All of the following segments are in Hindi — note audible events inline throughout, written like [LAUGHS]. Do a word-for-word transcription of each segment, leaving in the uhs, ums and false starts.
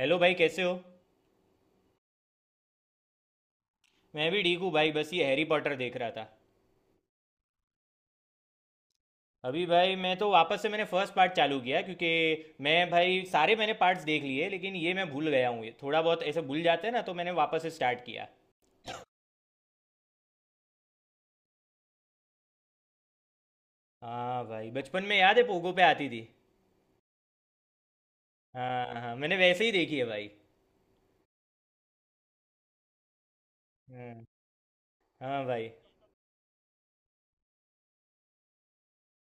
हेलो भाई, कैसे हो? मैं भी ठीक हूँ भाई, बस ये हैरी पॉटर देख रहा था। अभी भाई मैं तो वापस से मैंने फर्स्ट पार्ट चालू किया, क्योंकि मैं भाई सारे मैंने पार्ट्स देख लिए, लेकिन ये मैं भूल गया हूँ, ये थोड़ा बहुत ऐसे भूल जाते हैं ना, तो मैंने वापस से स्टार्ट किया। हाँ भाई, बचपन में याद है पोगो पे आती थी। हाँ हाँ, मैंने वैसे ही देखी है भाई। हाँ हाँ भाई।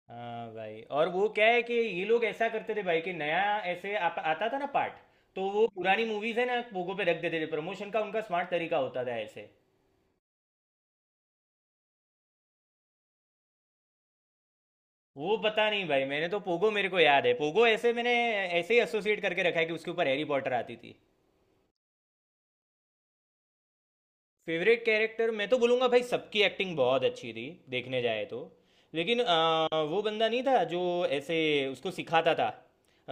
हाँ भाई, और वो क्या है कि ये लोग ऐसा करते थे भाई कि नया ऐसे आप, आता था ना पार्ट। तो वो पुरानी मूवीज है ना, पोगो पे रख देते थे, प्रमोशन का उनका स्मार्ट तरीका होता था ऐसे। वो पता नहीं भाई, मैंने तो पोगो मेरे को याद है, पोगो ऐसे मैंने ऐसे ही एसोसिएट करके रखा है कि उसके ऊपर हैरी पॉटर आती थी। फेवरेट कैरेक्टर मैं तो बोलूँगा भाई, सबकी एक्टिंग बहुत अच्छी थी देखने जाए तो। लेकिन अ, वो बंदा नहीं था जो ऐसे उसको सिखाता था,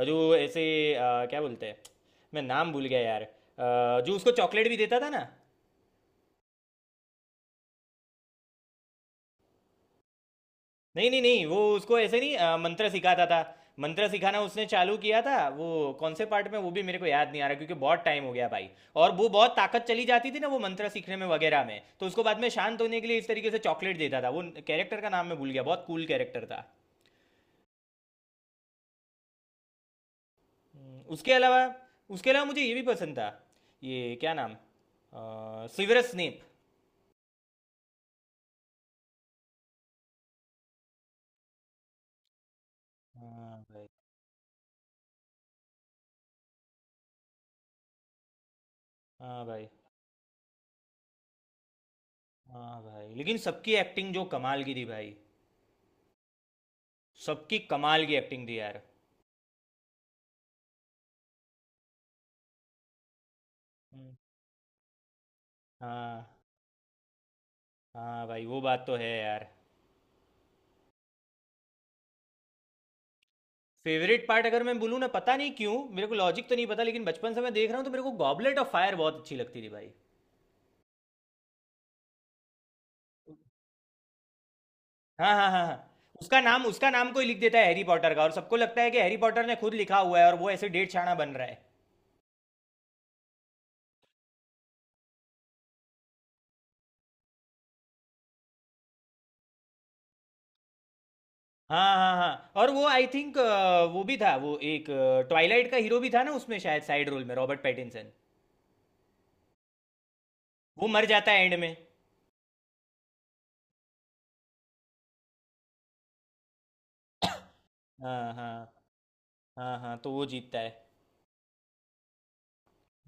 जो ऐसे अ, क्या बोलते हैं, मैं नाम भूल गया यार, अ, जो उसको चॉकलेट भी देता था ना। नहीं नहीं नहीं, वो उसको ऐसे नहीं अ, मंत्र सिखाता था। मंत्र सिखाना उसने चालू किया था वो। कौन से पार्ट में, वो भी मेरे को याद नहीं आ रहा, क्योंकि बहुत टाइम हो गया भाई। और वो बहुत ताकत चली जाती थी ना वो मंत्र सीखने में वगैरह में, तो उसको बाद में शांत होने के लिए इस तरीके से चॉकलेट देता था वो। कैरेक्टर का नाम मैं भूल गया, बहुत कूल कैरेक्टर था। हम्म, उसके अलावा उसके अलावा मुझे ये भी पसंद था। ये क्या नाम, सिवरस स्नेप। हाँ भाई। हाँ भाई। हाँ भाई, लेकिन सबकी एक्टिंग जो कमाल की थी भाई। सबकी कमाल की एक्टिंग थी यार। हम्म। हाँ। हाँ भाई वो बात तो है यार। फेवरेट पार्ट अगर मैं बोलूँ ना, पता नहीं क्यों मेरे को लॉजिक तो नहीं पता, लेकिन बचपन से मैं देख रहा हूँ तो मेरे को गॉबलेट ऑफ फायर बहुत अच्छी लगती थी भाई। हाँ हाँ हाँ हाँ। उसका नाम उसका नाम कोई लिख देता है हैरी पॉटर का, और सबको लगता है कि हैरी पॉटर ने खुद लिखा हुआ है, और वो ऐसे डेढ़ छाना बन रहा है। हाँ हाँ हाँ, और वो आई थिंक वो भी था, वो एक ट्वाइलाइट का हीरो भी था ना उसमें शायद, साइड रोल में, रॉबर्ट पैटिंसन। वो मर जाता है एंड में। हाँ हाँ हाँ हाँ, तो वो जीतता है।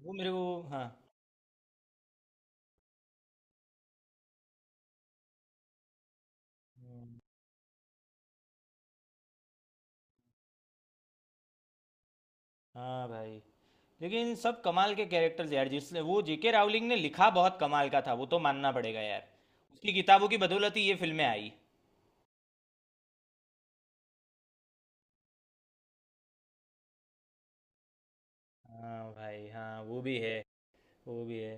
वो मेरे को। हाँ। हाँ भाई, लेकिन सब कमाल के कैरेक्टर्स यार, जिसने वो जेके रावलिंग ने लिखा बहुत कमाल का था, वो तो मानना पड़ेगा यार। उसकी किताबों की बदौलत ही ये फिल्में आई। हाँ भाई, हाँ वो भी है। वो भी है।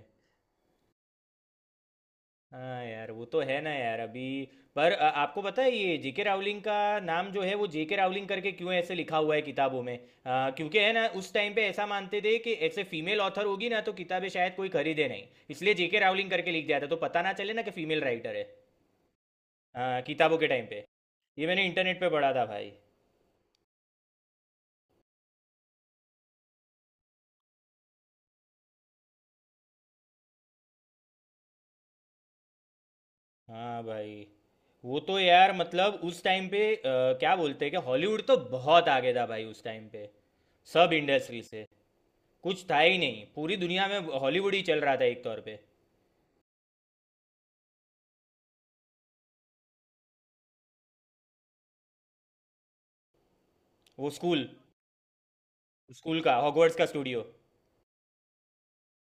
हाँ यार वो तो है ना यार, अभी। पर अ, आपको पता है ये जेके रावलिंग का नाम जो है, वो जेके रावलिंग करके क्यों ऐसे लिखा हुआ है किताबों में, अ, क्योंकि है ना उस टाइम पे ऐसा मानते थे कि ऐसे फीमेल ऑथर होगी ना तो किताबें शायद कोई खरीदे नहीं। इसलिए जेके रावलिंग करके लिख दिया था, तो पता ना चले ना कि फीमेल राइटर है। हाँ किताबों के टाइम पे। ये मैंने इंटरनेट पे पढ़ा था भाई। हाँ भाई, वो तो यार मतलब उस टाइम पे अ, क्या बोलते हैं कि हॉलीवुड तो बहुत आगे था भाई उस टाइम पे, सब इंडस्ट्री से, कुछ था ही नहीं, पूरी दुनिया में हॉलीवुड ही चल रहा था एक तौर पे। वो स्कूल स्कूल का हॉगवर्ट्स का स्टूडियो।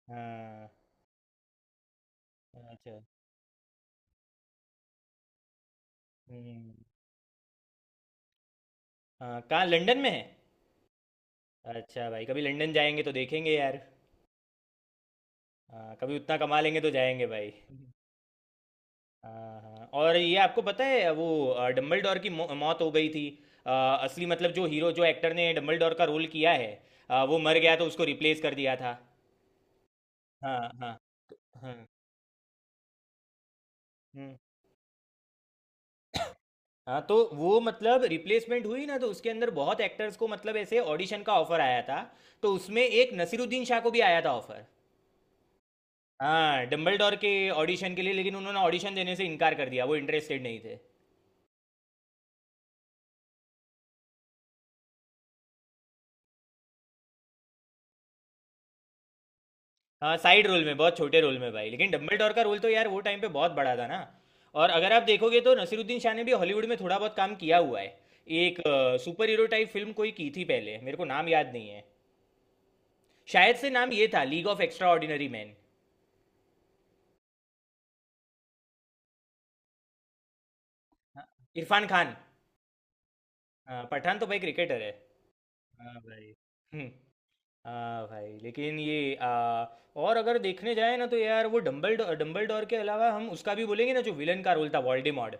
हाँ। अच्छा। हम्म। हाँ कहाँ, लंदन में है? अच्छा भाई, कभी लंदन जाएंगे तो देखेंगे यार। हाँ कभी उतना कमा लेंगे तो जाएंगे भाई। हाँ हाँ, और ये आपको पता है वो डम्बलडोर की मौ, मौत हो गई थी। अ, असली मतलब, जो हीरो, जो एक्टर ने डम्बलडोर का रोल किया है, अ, वो मर गया, तो उसको रिप्लेस कर दिया था। हाँ हाँ हाँ। हम्म। हाँ, तो वो मतलब रिप्लेसमेंट हुई ना, तो उसके अंदर बहुत एक्टर्स को मतलब ऐसे ऑडिशन का ऑफर आया था। तो उसमें एक नसीरुद्दीन शाह को भी आया था ऑफर। हाँ, डम्बलडोर के ऑडिशन के लिए, लेकिन उन्होंने ऑडिशन देने से इनकार कर दिया, वो इंटरेस्टेड नहीं थे। हाँ साइड रोल में, बहुत छोटे रोल में भाई, लेकिन डम्बलडोर का रोल तो यार वो टाइम पे बहुत बड़ा था ना। और अगर आप देखोगे तो नसीरुद्दीन शाह ने भी हॉलीवुड में थोड़ा बहुत काम किया हुआ है। एक सुपर हीरो टाइप फिल्म कोई की थी पहले, मेरे को नाम याद नहीं है। शायद से नाम ये था, league of extraordinary man. Irfan Khan. हाँ, पठान तो भाई क्रिकेटर है। हाँ भाई। हम्म, हाँ भाई, लेकिन ये आ, और अगर देखने जाए ना तो यार वो डम्बल डम्बल डोर के अलावा हम उसका भी बोलेंगे ना, जो विलन का रोल था, वोल्डेमॉर्ट।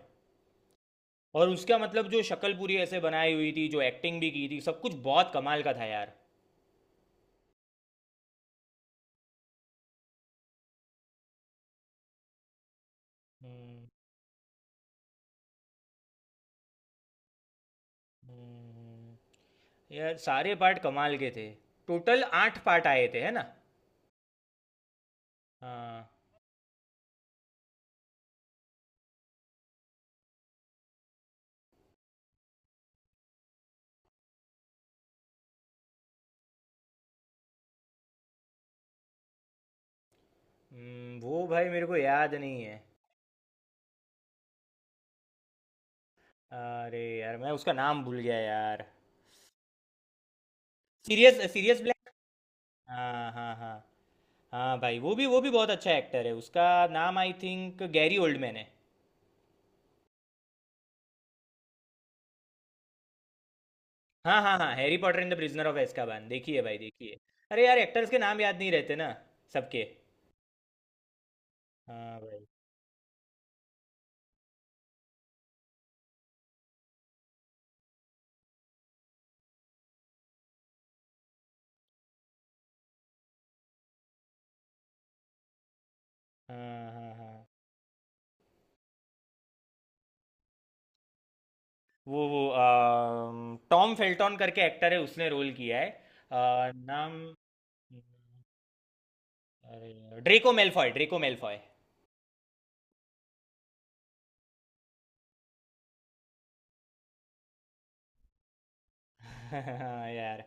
और उसका मतलब जो शक्ल पूरी ऐसे बनाई हुई थी, जो एक्टिंग भी की थी, सब कुछ बहुत कमाल का था यार। हम्म, हम्म, यार सारे पार्ट कमाल के थे। टोटल आठ पार्ट आए थे है ना। हाँ। हम्म, वो भाई मेरे को याद नहीं है। अरे यार मैं उसका नाम भूल गया यार। Sirius Sirius Black. हाँ हाँ हाँ। हाँ भाई, वो भी वो भी बहुत अच्छा एक्टर है, उसका नाम आई थिंक गैरी ओल्डमैन है। हाँ हाँ हाँ, Harry Potter and the prisoner of एazkaban, देखिए भाई देखिए। अरे यार, एक्टर्स के नाम याद नहीं रहते ना, सबके। हाँ भाई। हाँ हाँ हाँ, वो वो अम, टॉम फेल्टॉन करके एक्टर है, उसने रोल किया है। अ, नाम। अरे ड्रेको मेलफॉय, ड्रेको मेलफॉय। [LAUGHS] हाँ यार।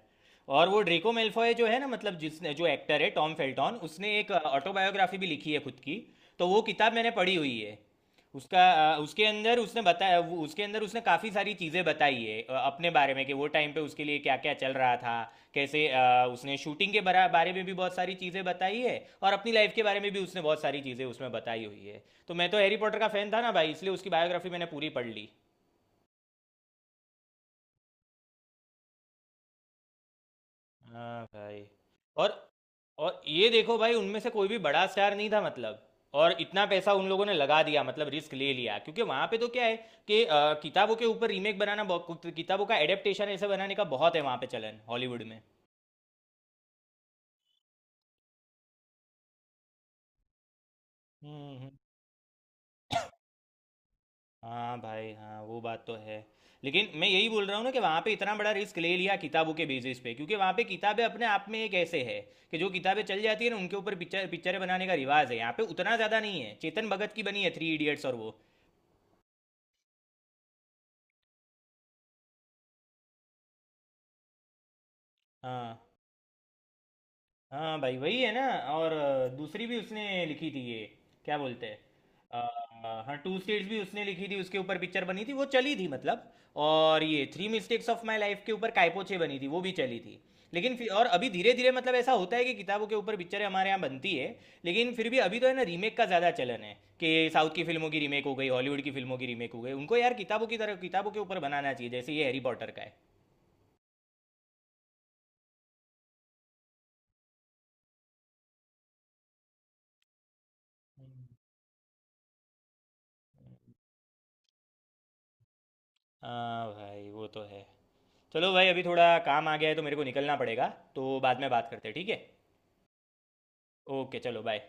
और वो ड्रेको मेलफॉय जो है ना, मतलब जिसने, जो एक्टर है टॉम फेल्टॉन, उसने एक ऑटोबायोग्राफी भी लिखी है खुद की। तो वो किताब मैंने पढ़ी हुई है। उसका अ, उसके अंदर उसने बताया वो- उसके अंदर उसने काफ़ी सारी चीज़ें बताई है, अ, अपने बारे में, कि वो टाइम पे उसके लिए क्या क्या चल रहा था। कैसे अ, उसने शूटिंग के बरा- बारे में भी बहुत सारी चीज़ें बताई है। और अपनी लाइफ के बारे में भी उसने बहुत सारी चीज़ें उसमें बताई हुई है, तो मैं तो हैरी पॉटर का फ़ैन था ना भाई, इसलिए उसकी बायोग्राफी मैंने पूरी पढ़ ली। हाँ भाई। और और ये देखो भाई, उनमें से कोई भी बड़ा स्टार नहीं था मतलब, और इतना पैसा उन लोगों ने लगा दिया, मतलब रिस्क ले लिया, क्योंकि वहां पे तो क्या है कि अ, किताबों के ऊपर रीमेक बनाना बहुत- किताबों का एडेप्टेशन ऐसे बनाने का बहुत है वहां पे चलन, हॉलीवुड में। हम्म। हम्म। हाँ भाई, हाँ वो बात तो है। लेकिन मैं यही बोल रहा हूँ ना कि वहाँ पे इतना बड़ा रिस्क ले लिया किताबों के बेसिस पे, क्योंकि वहाँ पे किताबें अपने आप में एक ऐसे है कि जो किताबें चल जाती है ना, उनके ऊपर पिक्चर पिक्चरें बनाने का रिवाज है, यहाँ पे उतना ज़्यादा नहीं है। चेतन भगत की बनी है थ्री इडियट्स, और वो। हाँ हाँ भाई, वही है ना। और अ, दूसरी भी उसने लिखी थी ये, क्या बोलते हैं, अ, हाँ टू स्टेट्स भी उसने लिखी थी, उसके ऊपर पिक्चर बनी थी, वो चली थी मतलब। और ये Three Mistakes of My Life के ऊपर कायपोचे बनी थी, वो भी चली थी। लेकिन फिर और अभी धीरे धीरे मतलब ऐसा होता है कि किताबों के ऊपर पिक्चरें हमारे यहाँ बनती है। लेकिन फिर भी अभी तो है ना, रीमेक का ज़्यादा चलन है, कि साउथ की फिल्मों की रीमेक हो गई, हॉलीवुड की फिल्मों की रीमेक हो गई, उनको यार किताबों की तरह किताबों के ऊपर बनाना चाहिए, जैसे ये हैरी पॉटर का है। हाँ भाई, वो तो है। चलो भाई, अभी थोड़ा काम आ गया है तो मेरे को निकलना पड़ेगा। तो बाद में बात करते हैं, ठीक है? ओके चलो बाय।